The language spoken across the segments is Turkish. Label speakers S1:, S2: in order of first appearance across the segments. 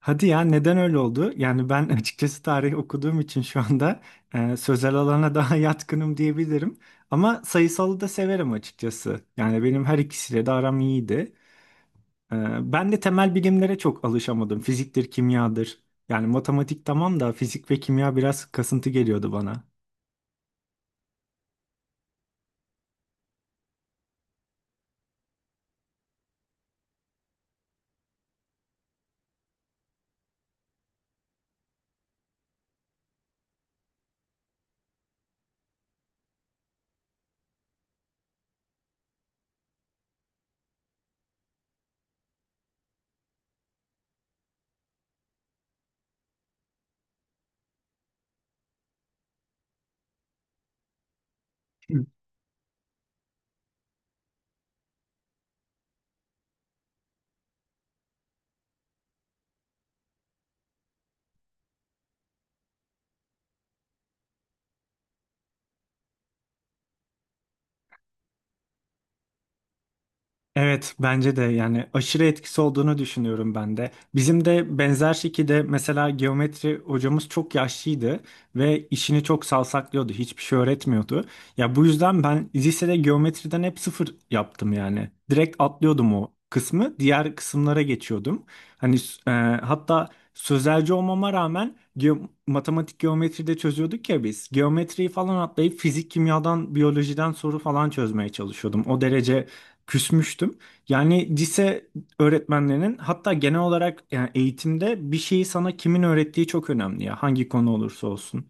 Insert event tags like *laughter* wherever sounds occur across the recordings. S1: Hadi ya, neden öyle oldu? Yani ben *laughs* açıkçası tarih okuduğum için şu anda sözel alana daha *laughs* yatkınım diyebilirim. Ama sayısalı da severim açıkçası. Yani benim her ikisiyle de aram iyiydi. E, Ben de temel bilimlere çok alışamadım. Fiziktir, kimyadır. Yani matematik tamam da fizik ve kimya biraz kasıntı geliyordu bana. Evet, bence de yani aşırı etkisi olduğunu düşünüyorum ben de. Bizim de benzer şekilde mesela geometri hocamız çok yaşlıydı ve işini çok savsaklıyordu. Hiçbir şey öğretmiyordu. Ya bu yüzden ben lisede geometriden hep sıfır yaptım yani. Direkt atlıyordum o kısmı, diğer kısımlara geçiyordum. Hani e, hatta sözelci olmama rağmen matematik geometride çözüyorduk ya biz. Geometriyi falan atlayıp fizik, kimyadan, biyolojiden soru falan çözmeye çalışıyordum. O derece küsmüştüm. Yani lise öğretmenlerinin, hatta genel olarak yani eğitimde bir şeyi sana kimin öğrettiği çok önemli ya. Hangi konu olursa olsun.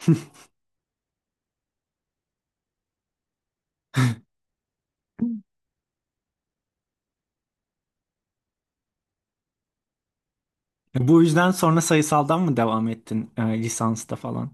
S1: *laughs* Bu yüzden sonra sayısaldan mı devam ettin lisansta falan?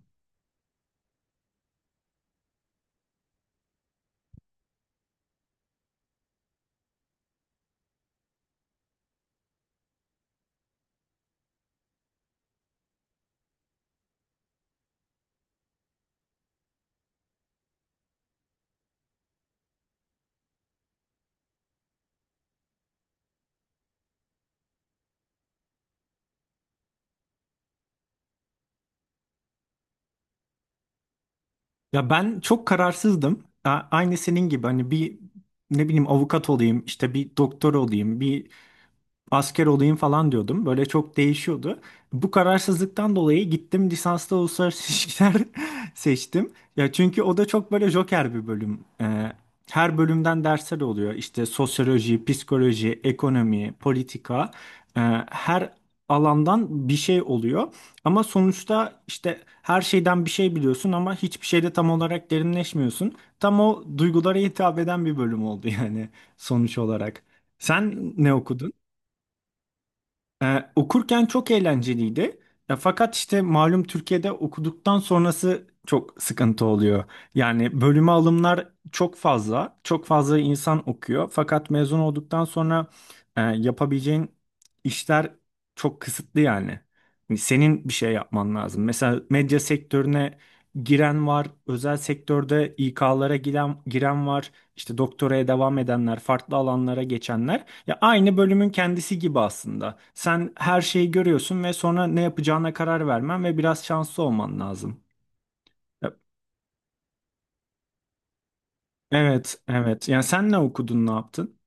S1: Ya ben çok kararsızdım. Aynı senin gibi hani bir ne bileyim avukat olayım, işte bir doktor olayım, bir asker olayım falan diyordum. Böyle çok değişiyordu. Bu kararsızlıktan dolayı gittim lisanslı uluslararası *laughs* ilişkiler seçtim. Ya çünkü o da çok böyle joker bir bölüm. Her bölümden dersler oluyor. İşte sosyoloji, psikoloji, ekonomi, politika. Ee, her alandan bir şey oluyor. Ama sonuçta işte her şeyden bir şey biliyorsun ama hiçbir şeyde tam olarak derinleşmiyorsun. Tam o duygulara hitap eden bir bölüm oldu *laughs* yani sonuç olarak. Sen ne okudun? Okurken çok eğlenceliydi. Ya, fakat işte malum Türkiye'de okuduktan sonrası çok sıkıntı oluyor. Yani bölüme alımlar çok fazla, çok fazla insan okuyor. Fakat mezun olduktan sonra yapabileceğin işler çok kısıtlı yani. Yani senin bir şey yapman lazım. Mesela medya sektörüne giren var, özel sektörde İK'lara giren, giren var, işte doktoraya devam edenler, farklı alanlara geçenler. Ya aynı bölümün kendisi gibi aslında. Sen her şeyi görüyorsun ve sonra ne yapacağına karar vermen ve biraz şanslı olman lazım. Ya, evet, evet. Yani sen ne okudun, ne yaptın?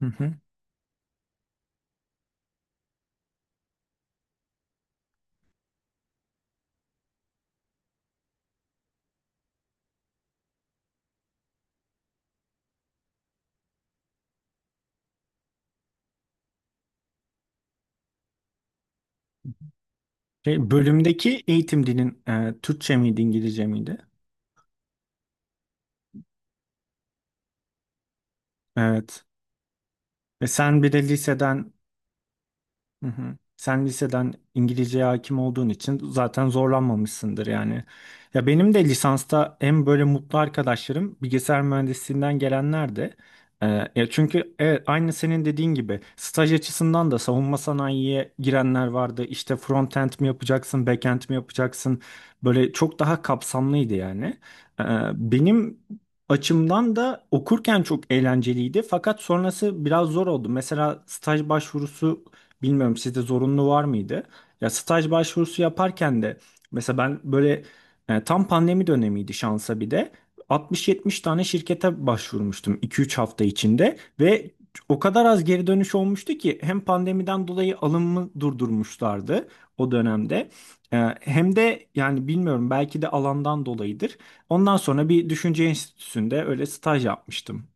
S1: Hı hı. Şey, bölümdeki eğitim dilin Türkçe miydi, İngilizce miydi? Evet. E sen bir de liseden. Hı hı. Sen liseden İngilizceye hakim olduğun için zaten zorlanmamışsındır yani. Ya benim de lisansta en böyle mutlu arkadaşlarım bilgisayar mühendisliğinden gelenler de. Ee, ya çünkü evet, aynı senin dediğin gibi staj açısından da savunma sanayiye girenler vardı. İşte front-end mi yapacaksın, back-end mi yapacaksın? Böyle çok daha kapsamlıydı yani. Ee, benim açımdan da okurken çok eğlenceliydi, fakat sonrası biraz zor oldu. Mesela staj başvurusu, bilmiyorum sizde zorunlu var mıydı? Ya staj başvurusu yaparken de mesela ben böyle tam pandemi dönemiydi şansa, bir de 60-70 tane şirkete başvurmuştum 2-3 hafta içinde ve o kadar az geri dönüş olmuştu ki hem pandemiden dolayı alımı durdurmuşlardı o dönemde. Hem de yani bilmiyorum belki de alandan dolayıdır. Ondan sonra bir düşünce enstitüsünde öyle staj yapmıştım.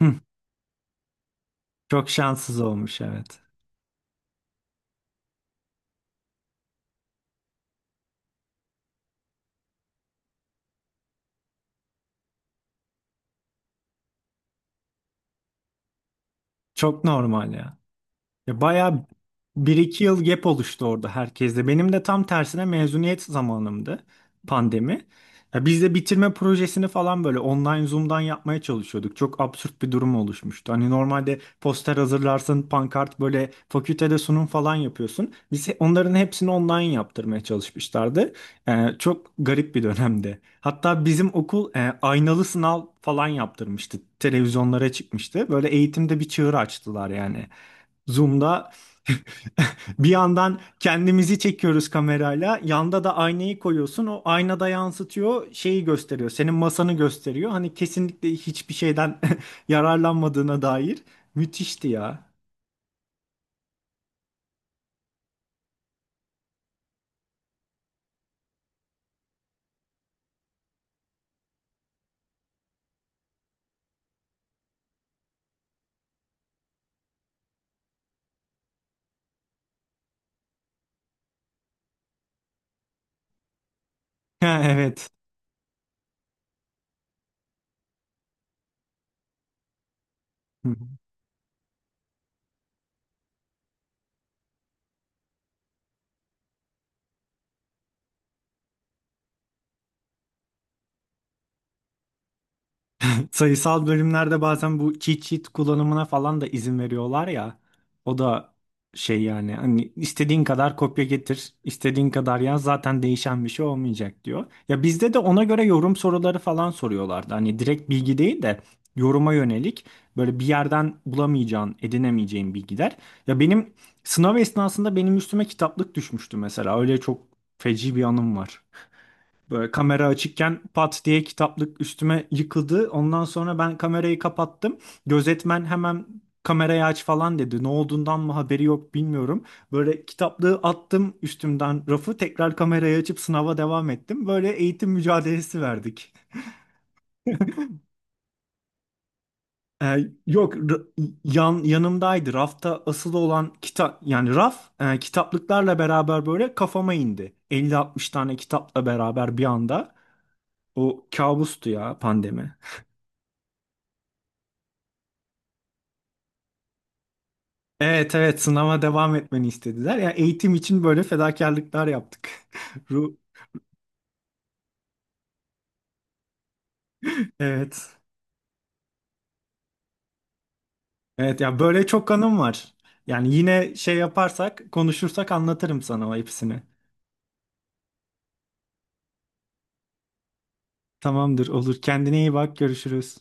S1: Hı, çok şanssız olmuş, evet. Çok normal ya. Ya bayağı 1-2 yıl gap oluştu orada herkeste. Benim de tam tersine mezuniyet zamanımdı pandemi. Ya biz de bitirme projesini falan böyle online Zoom'dan yapmaya çalışıyorduk. Çok absürt bir durum oluşmuştu. Hani normalde poster hazırlarsın, pankart, böyle fakültede sunum falan yapıyorsun. Biz onların hepsini online yaptırmaya çalışmışlardı. Çok garip bir dönemdi. Hatta bizim okul aynalı sınav falan yaptırmıştı. Televizyonlara çıkmıştı. Böyle eğitimde bir çığır açtılar yani. Zoom'da *laughs* bir yandan kendimizi çekiyoruz kamerayla. Yanda da aynayı koyuyorsun. O aynada yansıtıyor, şeyi gösteriyor. Senin masanı gösteriyor. Hani kesinlikle hiçbir şeyden *laughs* yararlanmadığına dair. Müthişti ya. *laughs* Ha, evet. *laughs* *laughs* Sayısal bölümlerde bazen bu cheat sheet kullanımına falan da izin veriyorlar ya. O da şey yani hani istediğin kadar kopya getir, istediğin kadar yaz, zaten değişen bir şey olmayacak diyor. Ya bizde de ona göre yorum soruları falan soruyorlardı. Hani direkt bilgi değil de yoruma yönelik, böyle bir yerden bulamayacağın, edinemeyeceğin bilgiler. Ya benim sınav esnasında benim üstüme kitaplık düşmüştü mesela. Öyle çok feci bir anım var. Böyle kamera açıkken pat diye kitaplık üstüme yıkıldı. Ondan sonra ben kamerayı kapattım. Gözetmen hemen kamerayı aç falan dedi. Ne olduğundan mı haberi yok, bilmiyorum. Böyle kitaplığı attım üstümden, rafı, tekrar kamerayı açıp sınava devam ettim. Böyle eğitim mücadelesi verdik. Ee, yok ra- yan yanımdaydı. Rafta asılı olan kitap, yani raf kitaplıklarla beraber böyle kafama indi. 50-60 tane kitapla beraber bir anda. O kabustu ya pandemi. Evet, evet, sınava devam etmeni istediler. Ya eğitim için böyle fedakarlıklar yaptık. *laughs* Ru evet. Evet ya, böyle çok anım var. Yani yine şey yaparsak, konuşursak anlatırım sana o hepsini. Tamamdır, olur. Kendine iyi bak, görüşürüz.